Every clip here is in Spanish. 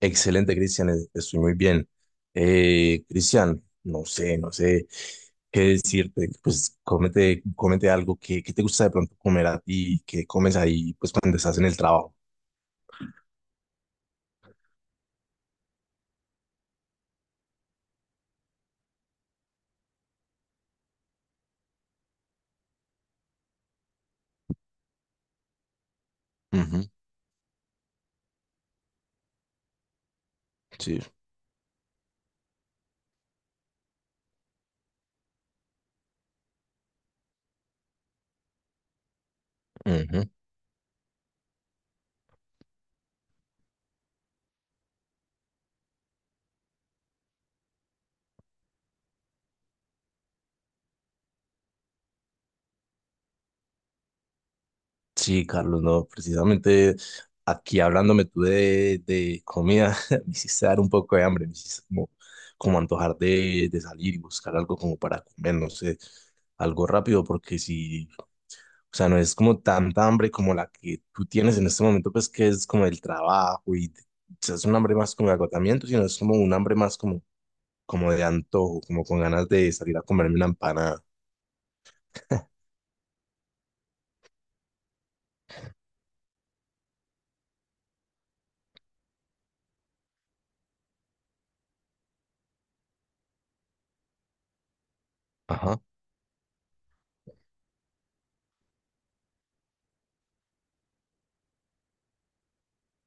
Excelente, Cristian, estoy muy bien. Cristian, no sé, qué decirte. Pues cómete algo que te gusta de pronto comer a ti, que comes ahí pues cuando estás en el trabajo. Ujú, sí. Ujú. Sí, Carlos, no, precisamente aquí hablándome tú de comida, me hiciste dar un poco de hambre, me hiciste como antojar de salir y buscar algo como para comer, no sé, algo rápido, porque si. O sea, no es como tanta hambre como la que tú tienes en este momento, pues que es como el trabajo y o sea, es un hambre más como de agotamiento, sino es como un hambre más como de antojo, como con ganas de salir a comerme una empanada. Ajá.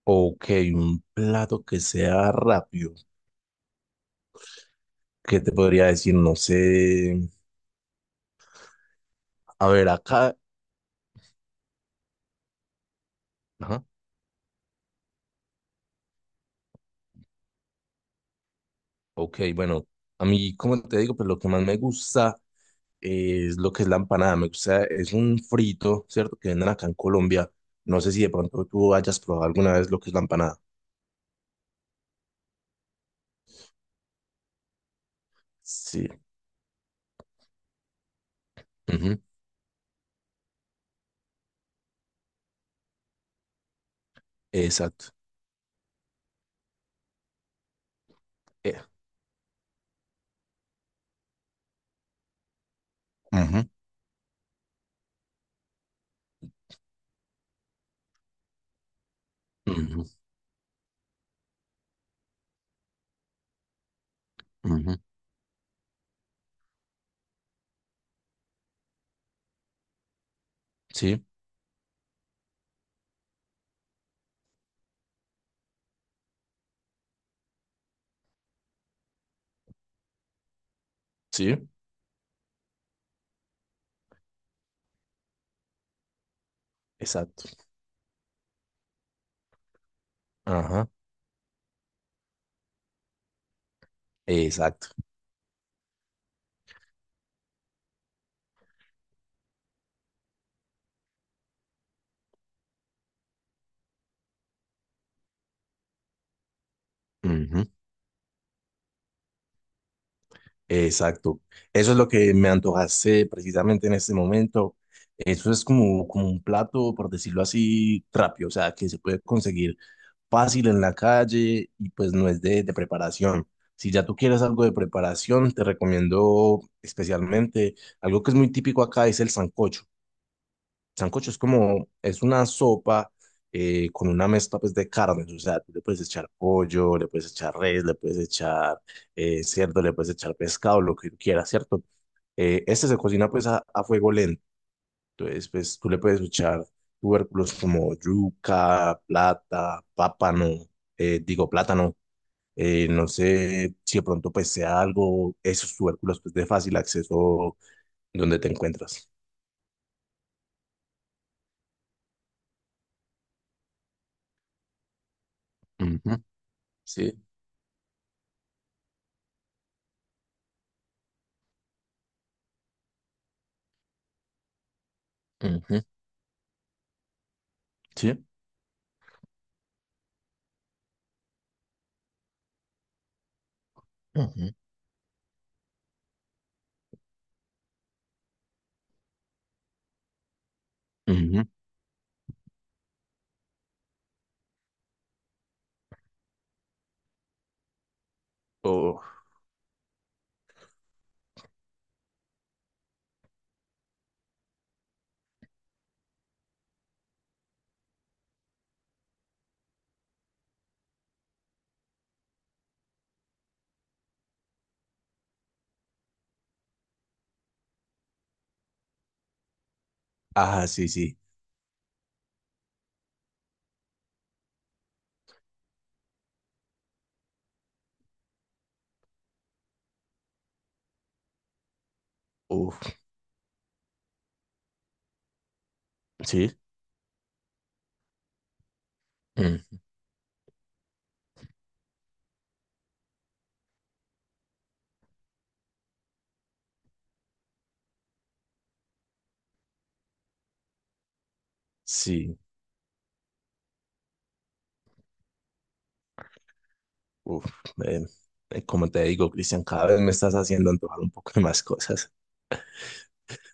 Ok, un plato que sea rápido. ¿Qué te podría decir? No sé. A ver, acá. Ajá. Ok, bueno, a mí, como te digo, pues lo que más me gusta es lo que es la empanada. Me gusta, es un frito, ¿cierto? Que venden acá en Colombia. No sé si de pronto tú hayas probado alguna vez lo que es la empanada. Sí, ujú. Exacto. Eh, Ujú. Ujú, ujú. Sí, sí, exacto. Ajá, exacto. Ujú, exacto. Eso es lo que me antojaste precisamente en este momento. Eso es como, como un plato, por decirlo así, rápido, o sea, que se puede conseguir fácil en la calle y pues no es de preparación. Si ya tú quieres algo de preparación, te recomiendo especialmente algo que es muy típico acá, es el sancocho. Sancocho es como, es una sopa con una mezcla pues de carnes, o sea, tú le puedes echar pollo, le puedes echar res, le puedes echar cerdo, le puedes echar pescado, lo que tú quieras, ¿cierto? Este se cocina pues a fuego lento. Entonces, pues tú le puedes echar tubérculos como yuca, plata, pápano, digo plátano. No sé si de pronto pues sea algo, esos tubérculos pues de fácil acceso donde te encuentras. Ujú, sí. Ujú, sí. Ujú, ujú. O, ah, sí, sí. Uf, sí. Mm. Sí. Uf, eh, como te digo, Cristian, cada vez me estás haciendo antojar un poco de más cosas.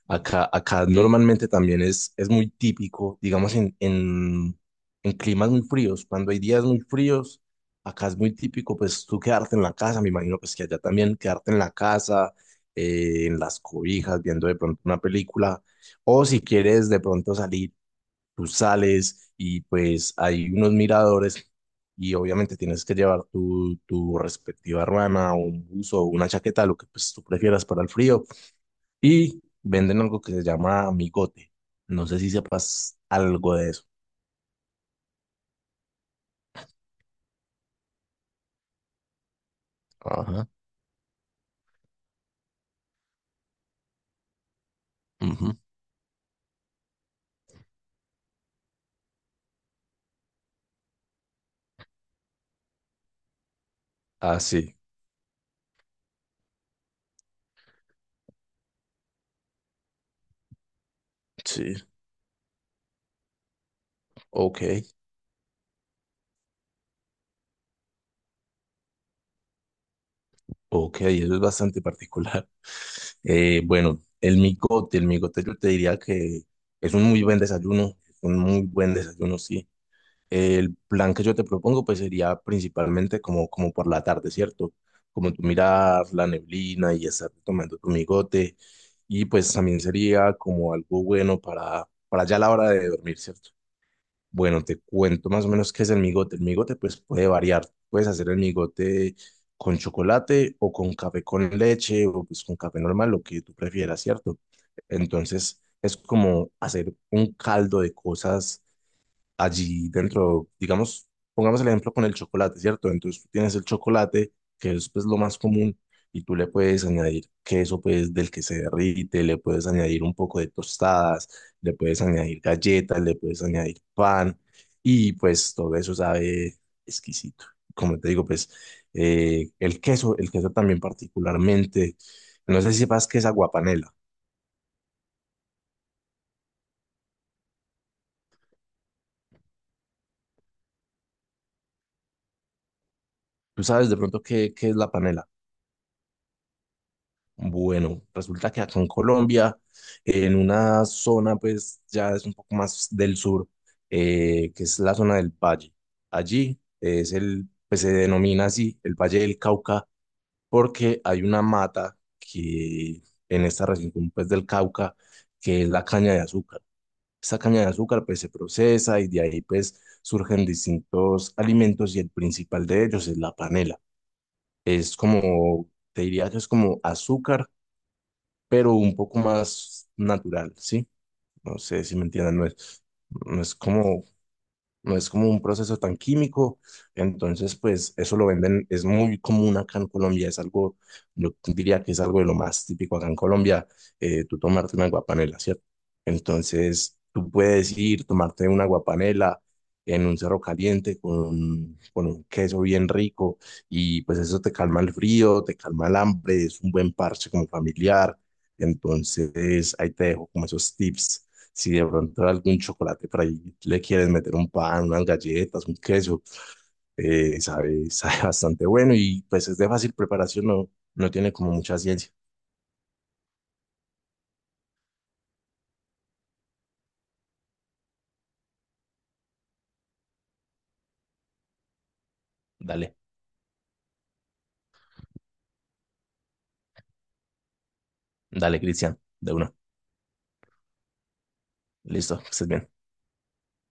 Acá, acá normalmente también es muy típico, digamos, en climas muy fríos. Cuando hay días muy fríos, acá es muy típico, pues tú quedarte en la casa, me imagino pues que allá también quedarte en la casa, en las cobijas, viendo de pronto una película. O si quieres de pronto salir, tú sales y pues hay unos miradores y obviamente tienes que llevar tu respectiva ruana o un buzo o una chaqueta, lo que pues tú prefieras para el frío y venden algo que se llama amigote. No sé si sepas algo de eso. Ajá. Ujú. Ah, sí, sí. Ok, ok, eso es bastante particular. Bueno, el migote yo te diría que es un muy buen desayuno, es un muy buen desayuno, sí. El plan que yo te propongo pues sería principalmente como, como por la tarde, ¿cierto? Como tú mirar la neblina y estar tomando tu migote y pues también sería como algo bueno para ya la hora de dormir, ¿cierto? Bueno, te cuento más o menos qué es el migote. El migote pues puede variar. Puedes hacer el migote con chocolate o con café con leche o pues con café normal, lo que tú prefieras, ¿cierto? Entonces es como hacer un caldo de cosas allí dentro, digamos, pongamos el ejemplo con el chocolate, ¿cierto? Entonces tú tienes el chocolate, que es pues lo más común, y tú le puedes añadir queso pues del que se derrite, le puedes añadir un poco de tostadas, le puedes añadir galletas, le puedes añadir pan, y pues todo eso sabe exquisito. Como te digo, pues el queso también particularmente, no sé si sepas qué es aguapanela. ¿Tú sabes de pronto qué es la panela? Bueno, resulta que acá en Colombia, en una zona pues ya es un poco más del sur, que es la zona del Valle. Allí es el, pues se denomina así el Valle del Cauca porque hay una mata que en esta región pues del Cauca, que es la caña de azúcar. Esta caña de azúcar pues se procesa y de ahí pues surgen distintos alimentos y el principal de ellos es la panela. Es como, te diría que es como azúcar pero un poco más natural, ¿sí? No sé si me entiendan, no es, no es como, no es como un proceso tan químico, entonces pues eso lo venden, es muy común acá en Colombia, es algo, yo diría que es algo de lo más típico acá en Colombia, tú tomarte una aguapanela, ¿cierto? Entonces tú puedes ir, tomarte una aguapanela en un cerro caliente con un queso bien rico y pues eso te calma el frío, te calma el hambre, es un buen parche como familiar, entonces ahí te dejo como esos tips. Si de pronto algún chocolate por ahí le quieres meter un pan, unas galletas, un queso, sabe, sabe bastante bueno y pues es de fácil preparación, no, no tiene como mucha ciencia. Dale, dale, Cristian, de una. Listo, que estés bien.